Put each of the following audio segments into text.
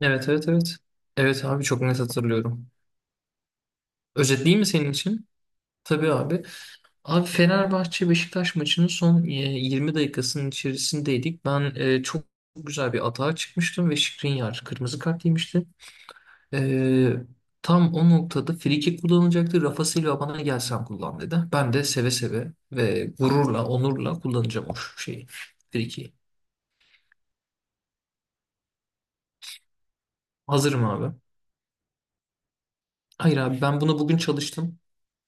Evet evet evet. Evet abi çok net hatırlıyorum. Özetleyeyim mi senin için? Tabii abi. Abi Fenerbahçe Beşiktaş maçının son 20 dakikasının içerisindeydik. Ben çok güzel bir atağa çıkmıştım ve Skriniar kırmızı kart yemişti. E, tam o noktada free kick kullanılacaktı. Rafa Silva bana gel sen kullan dedi. Ben de seve seve ve gururla, onurla kullanacağım o şeyi. Frikiği. Hazırım abi. Hayır abi ben bunu bugün çalıştım.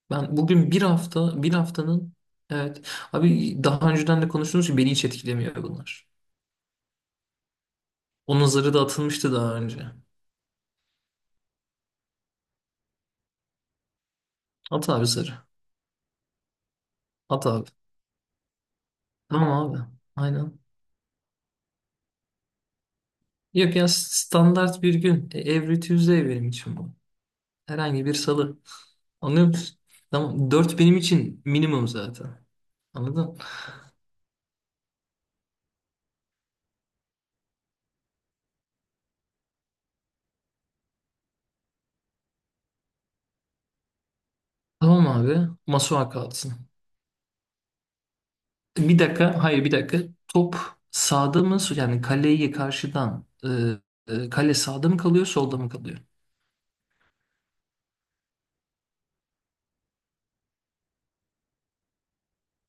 Ben bugün bir hafta, bir haftanın evet abi, daha önceden de konuştuğumuz gibi beni hiç etkilemiyor bunlar. Onun zarı da atılmıştı daha önce. At abi zarı. At abi. Tamam abi. Aynen. Yok ya, standart bir gün. Every Tuesday benim için bu. Herhangi bir salı. Anlıyor musun? Tamam. Dört benim için minimum zaten. Anladın? Tamam abi. Masuha kalsın. Bir dakika, hayır bir dakika. Top sağda mı? Yani kaleyi karşıdan kale sağda mı kalıyor, solda mı kalıyor?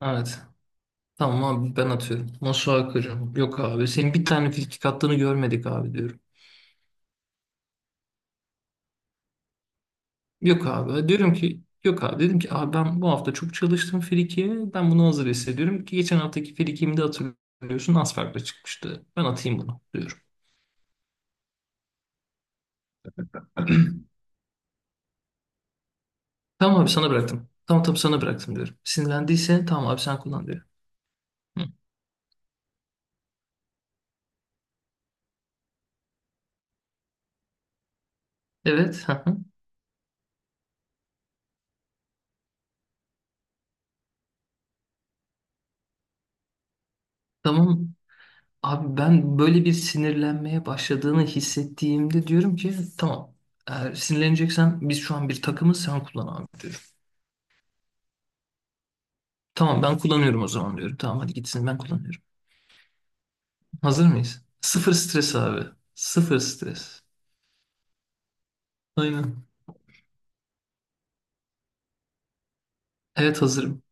Evet. Tamam abi ben atıyorum. Nasıl akıcım? Yok abi. Senin bir tane frikik attığını görmedik abi diyorum. Yok abi. Diyorum ki yok abi. Dedim ki abi ben bu hafta çok çalıştım frikiye. Ben bunu hazır hissediyorum ki geçen haftaki frikiğimi de hatırlıyorsun, az farkla çıkmıştı. Ben atayım bunu diyorum. Tamam abi sana bıraktım. Tamam tamam, sana bıraktım diyorum. Sinirlendiyse tamam abi sen kullan diyorum. Hı. Evet. Hı hı. Tamam. Abi ben böyle bir sinirlenmeye başladığını hissettiğimde diyorum ki tamam, eğer sinirleneceksen biz şu an bir takımız, sen kullan abi diyorum. Tamam ben kullanıyorum o zaman diyorum. Tamam hadi gitsin, ben kullanıyorum. Hazır mıyız? Sıfır stres abi. Sıfır stres. Aynen. Evet hazırım.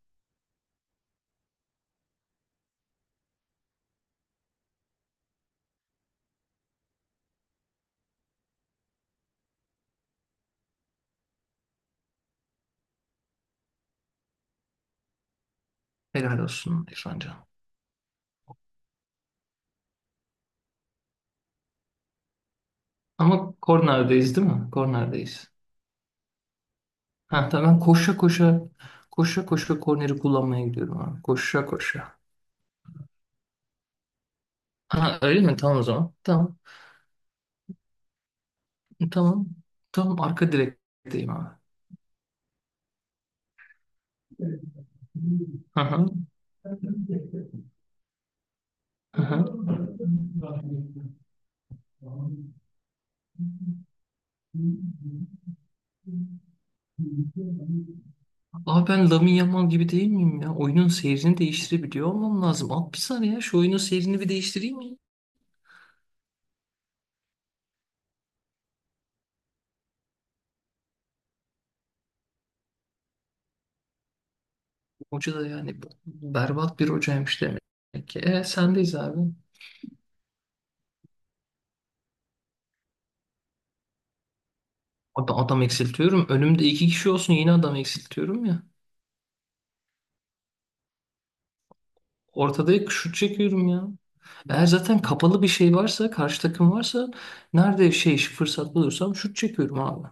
Helal olsun İrfancan. Ama kornerdeyiz değil mi? Kornerdeyiz. Ha tamam, ben koşa koşa koşa koşa korneri kullanmaya gidiyorum abi. Koşa koşa. Ha öyle mi? Tamam o zaman. Tamam. Tamam. Tamam arka direkteyim abi. Hı hı. Hı hı. Abi ben Lamine Yamal gibi değil miyim ya? Oyunun seyrini değiştirebiliyor olmam lazım. Al bir saniye ya, şu oyunun seyrini bir değiştireyim mi? Hoca da yani berbat bir hocaymış demek ki. Sendeyiz abi. Adam eksiltiyorum. Önümde iki kişi olsun yine adam eksiltiyorum ya. Ortada şut çekiyorum ya. Eğer zaten kapalı bir şey varsa, karşı takım varsa, nerede şey fırsat bulursam şut çekiyorum abi.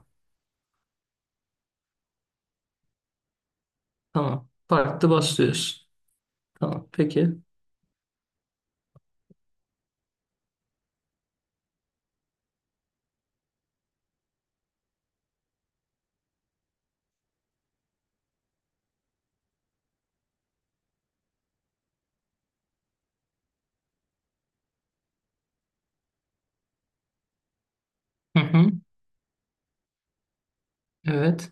Tamam. Farklı basıyoruz. Tamam. Peki. Hı hı. Evet.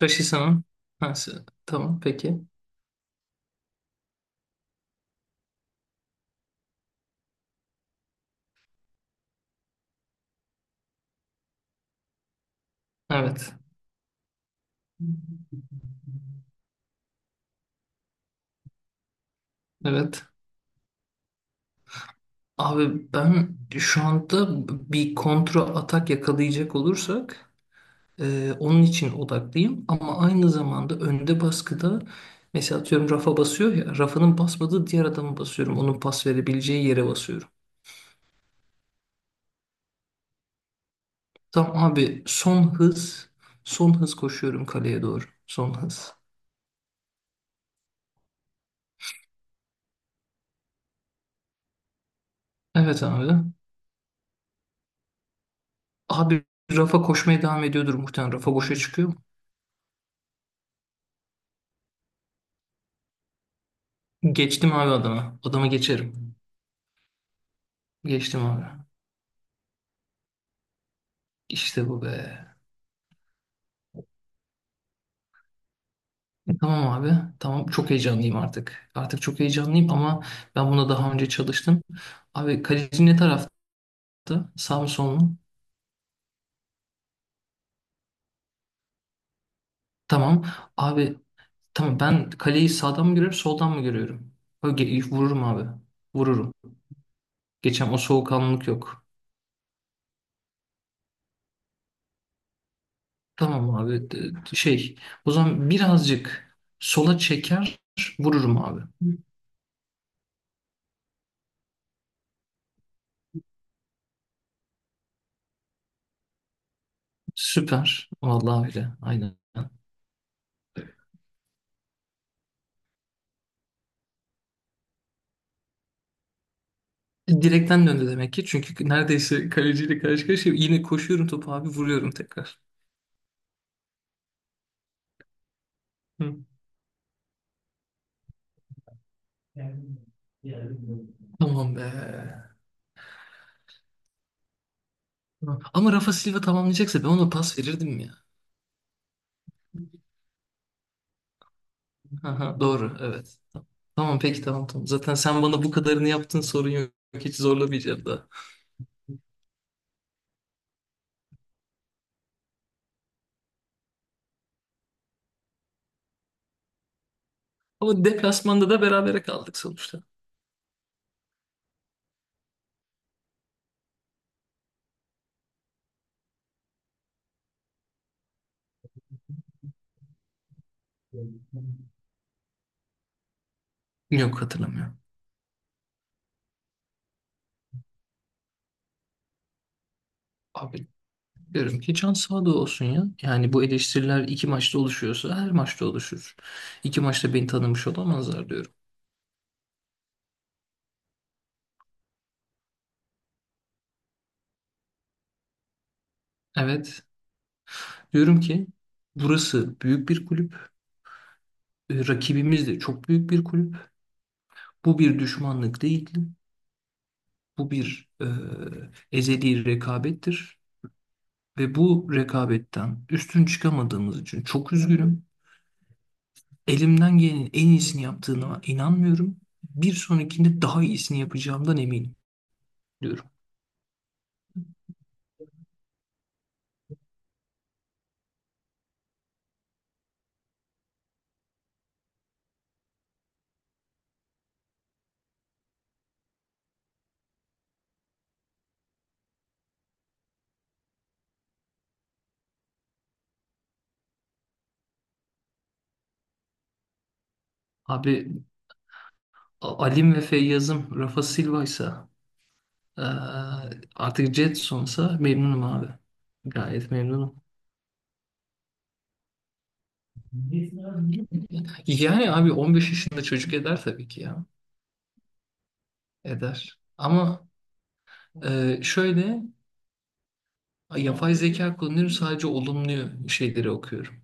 Başı sana. Ha, tamam. Peki. Evet. Evet. Abi ben şu anda bir kontra atak yakalayacak olursak onun için odaklıyım, ama aynı zamanda önde baskıda mesela atıyorum rafa basıyor ya, rafanın basmadığı diğer adamı basıyorum. Onun pas verebileceği yere basıyorum. Tamam abi son hız. Son hız koşuyorum kaleye doğru. Son hız. Evet abi. Abi Rafa koşmaya devam ediyordur muhtemelen. Rafa boşa çıkıyor mu? Geçtim abi adama. Adama geçerim. Geçtim abi. İşte bu be. Tamam abi. Tamam çok heyecanlıyım artık. Artık çok heyecanlıyım, ama ben buna daha önce çalıştım. Abi kaleci ne tarafta? Sağ mı sol mu? Tamam. Abi tamam, ben kaleyi sağdan mı görüyorum soldan mı görüyorum? Ö, Vururum abi. Vururum. Geçen o soğukkanlılık yok. Tamam abi şey, o zaman birazcık sola çeker vururum abi. Süper. Vallahi öyle. Aynen. Direkten döndü demek ki. Çünkü neredeyse kaleciyle karşı karşıya yine koşuyorum, topu abi vuruyorum tekrar. Hı. Tamam be. Hı. Ama Rafa Silva tamamlayacaksa ben ona pas verirdim ya. Aha, doğru evet. Tamam peki, tamam tamam. Zaten sen bana bu kadarını yaptın, sorun yok. Hiç zorlamayacağım daha. Ama deplasmanda da berabere kaldık sonuçta. Yok hatırlamıyorum. Abi diyorum ki can sağda olsun ya. Yani bu eleştiriler iki maçta oluşuyorsa her maçta oluşur. İki maçta beni tanımış olamazlar diyorum. Evet. Diyorum ki burası büyük bir kulüp. E, Rakibimiz de çok büyük bir kulüp. Bu bir düşmanlık değildi. Bu bir ezeli rekabettir. Ve bu rekabetten üstün çıkamadığımız için çok üzgünüm. Elimden gelenin en iyisini yaptığına inanmıyorum. Bir sonrakinde daha iyisini yapacağımdan eminim diyorum. Abi Alim ve Feyyaz'ım Rafa Silva'ysa eee, artık Jetson'sa memnunum abi. Gayet memnunum. Yani abi 15 yaşında çocuk eder tabii ki ya. Eder. Ama şöyle, yapay zeka kullanıyorum, sadece olumlu şeyleri okuyorum.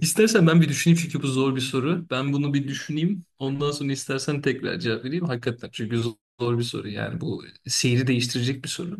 İstersen ben bir düşüneyim, çünkü bu zor bir soru. Ben bunu bir düşüneyim. Ondan sonra istersen tekrar cevap vereyim. Hakikaten, çünkü zor bir soru, yani bu seyri değiştirecek bir soru.